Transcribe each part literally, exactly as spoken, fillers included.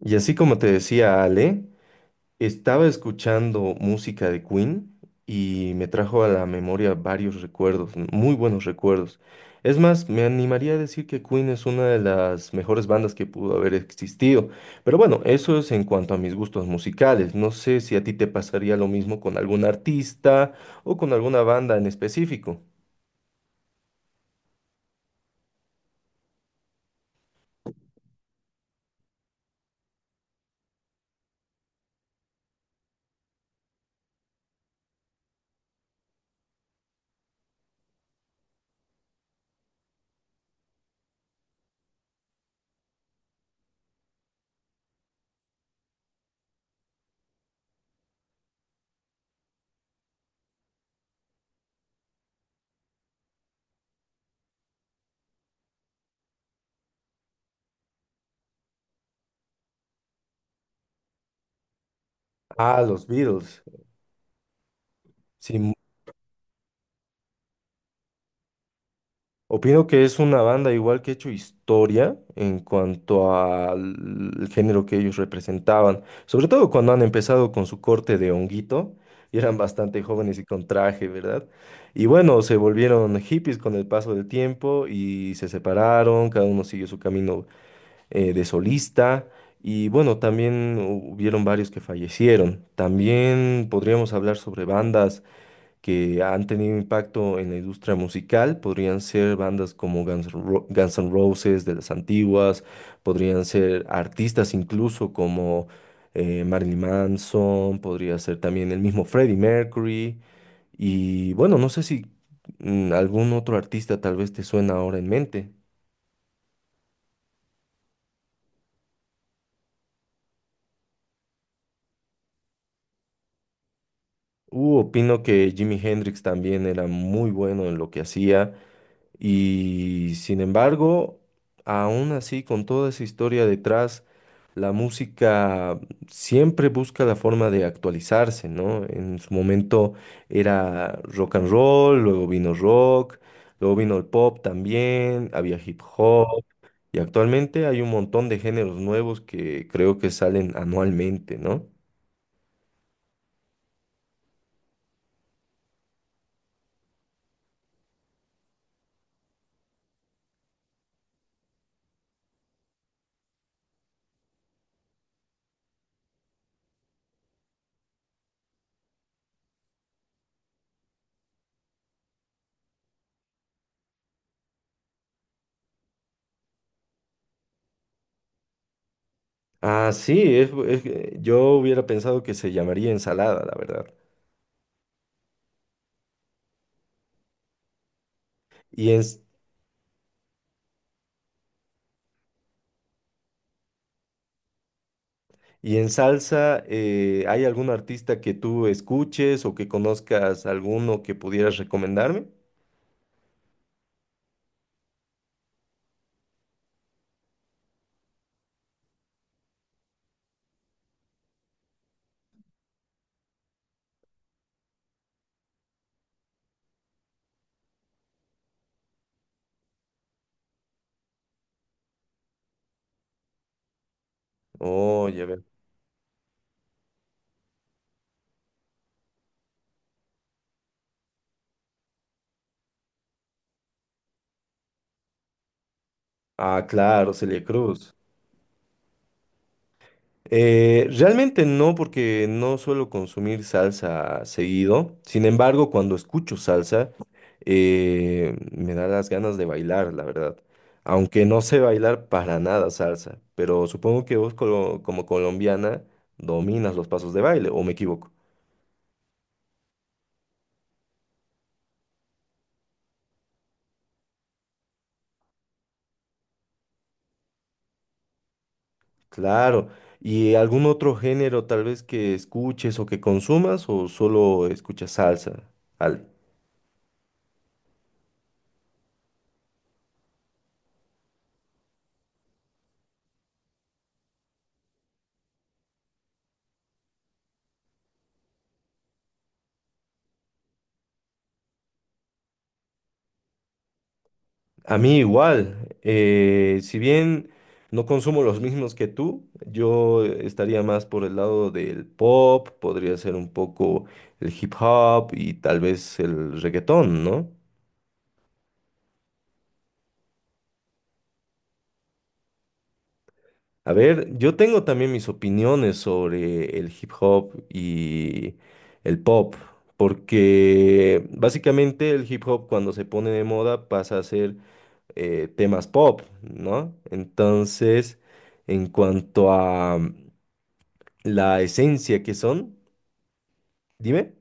Y así como te decía Ale, estaba escuchando música de Queen y me trajo a la memoria varios recuerdos, muy buenos recuerdos. Es más, me animaría a decir que Queen es una de las mejores bandas que pudo haber existido. Pero bueno, eso es en cuanto a mis gustos musicales. No sé si a ti te pasaría lo mismo con algún artista o con alguna banda en específico. Ah, los Beatles. Sí. Opino que es una banda igual que ha hecho historia en cuanto al género que ellos representaban, sobre todo cuando han empezado con su corte de honguito y eran bastante jóvenes y con traje, ¿verdad? Y bueno, se volvieron hippies con el paso del tiempo y se separaron, cada uno siguió su camino eh, de solista. Y bueno, también hubieron varios que fallecieron. También podríamos hablar sobre bandas que han tenido impacto en la industria musical, podrían ser bandas como Guns, Ro- Guns N' Roses de las antiguas, podrían ser artistas incluso como eh, Marilyn Manson, podría ser también el mismo Freddie Mercury. Y bueno, no sé si mm, algún otro artista tal vez te suena ahora en mente. Uh, opino que Jimi Hendrix también era muy bueno en lo que hacía. Y sin embargo, aún así, con toda esa historia detrás, la música siempre busca la forma de actualizarse, ¿no? En su momento era rock and roll, luego vino rock, luego vino el pop también, había hip hop, y actualmente hay un montón de géneros nuevos que creo que salen anualmente, ¿no? Ah, sí, es- es que yo hubiera pensado que se llamaría ensalada, la verdad. Y en, Y en salsa, eh, ¿hay algún artista que tú escuches o que conozcas alguno que pudieras recomendarme? Oye, a ver. Ah, claro, Celia Cruz. Eh, realmente no, porque no suelo consumir salsa seguido. Sin embargo, cuando escucho salsa, eh, me da las ganas de bailar, la verdad. Aunque no sé bailar para nada salsa, pero supongo que vos colo- como colombiana dominas los pasos de baile, ¿o me equivoco? Claro. ¿Y algún otro género tal vez que escuches o que consumas o solo escuchas salsa? Al- a mí igual. Eh, si bien no consumo los mismos que tú, yo estaría más por el lado del pop, podría ser un poco el hip hop y tal vez el reggaetón, ¿no? A ver, yo tengo también mis opiniones sobre el hip hop y el pop, porque básicamente el hip hop cuando se pone de moda pasa a ser eh, temas pop, ¿no? Entonces, en cuanto a mm, la esencia que son, dime.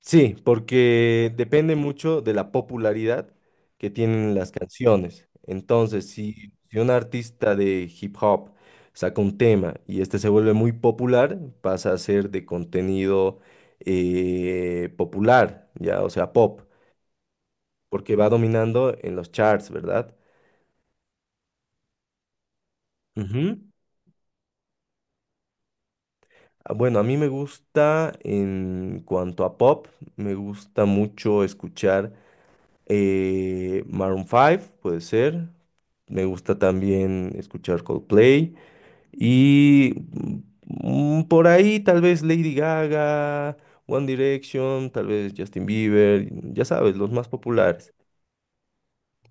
Sí, porque depende mucho de la popularidad que tienen las canciones. Entonces, si, si un artista de hip hop saca un tema y este se vuelve muy popular, pasa a ser de contenido eh, popular, ya, o sea, pop, porque va dominando en los charts, ¿verdad? Ujú. Ah, bueno, a mí me gusta, en cuanto a pop, me gusta mucho escuchar eh, Maroon cinco, puede ser. Me gusta también escuchar Coldplay y mm, mm, por ahí tal vez Lady Gaga, One Direction, tal vez Justin Bieber, ya sabes, los más populares.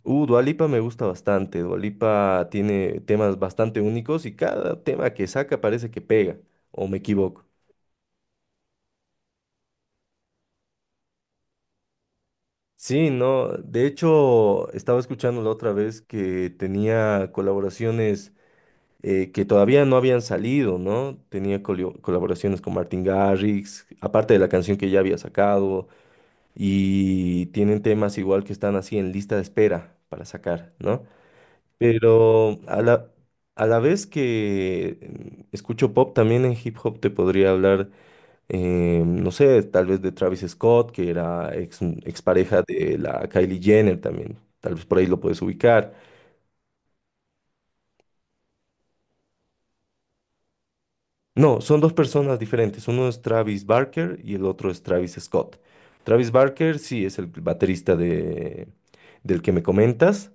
Uh, Dua Lipa me gusta bastante. Dua Lipa tiene temas bastante únicos y cada tema que saca parece que pega, o me equivoco. Sí, no, de hecho estaba escuchando la otra vez que tenía colaboraciones eh, que todavía no habían salido, ¿no? Tenía colio- colaboraciones con Martin Garrix, aparte de la canción que ya había sacado, y tienen temas igual que están así en lista de espera para sacar, ¿no? Pero a la, a la vez que mm, escucho pop, también en hip hop te podría hablar, eh, no sé, tal vez de Travis Scott, que era ex, expareja de la Kylie Jenner también, tal vez por ahí lo puedes ubicar. No, son dos personas diferentes. Uno es Travis Barker y el otro es Travis Scott. Travis Barker sí es el baterista de, del que me comentas,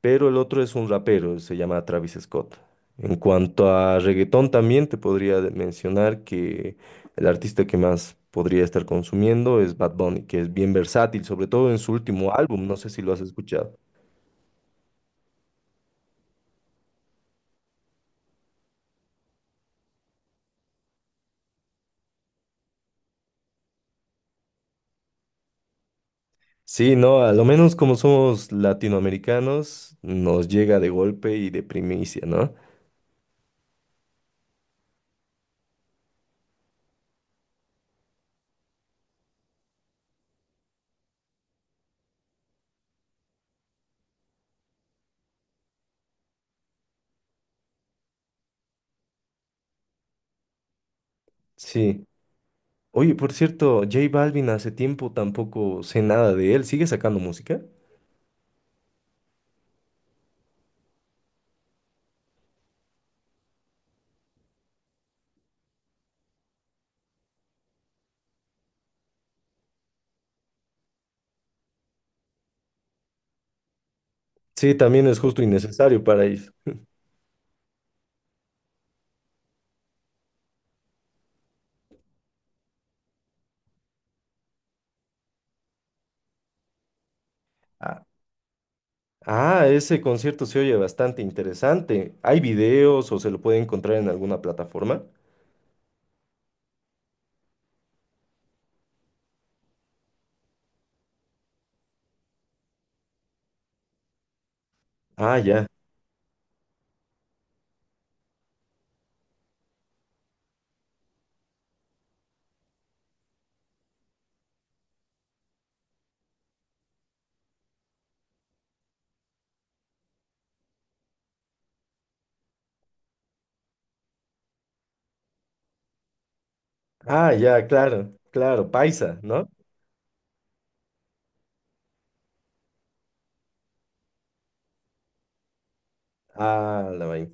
pero el otro es un rapero, se llama Travis Scott. En cuanto a reggaetón también te podría de- mencionar que el artista que más podría estar consumiendo es Bad Bunny, que es bien versátil, sobre todo en su último álbum, no sé si lo has escuchado. Sí, no, a lo menos como somos latinoamericanos, nos llega de golpe y de primicia, ¿no? Sí. Oye, por cierto, J Balvin hace tiempo tampoco sé nada de él. ¿Sigue sacando música? Sí, también es justo y necesario para ellos. Ah, ah, ese concierto se oye bastante interesante. ¿Hay videos o se lo puede encontrar en alguna plataforma? Ah, ya. Ah, ya, claro, claro, Paisa, ¿no? Ah, la vaina.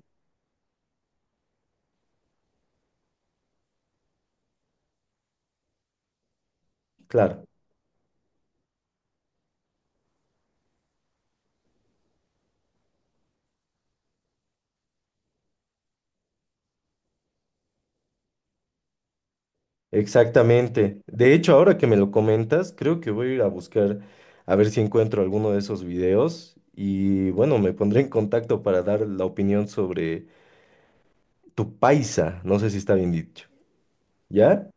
Claro, exactamente. De hecho, ahora que me lo comentas, creo que voy a ir a buscar a ver si encuentro alguno de esos videos y bueno, me pondré en contacto para dar la opinión sobre tu paisa, no sé si está bien dicho. ¿Ya?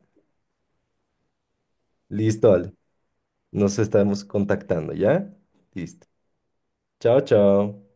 Listo, Ale. Nos estamos contactando, ¿ya? Listo. Chao, chao.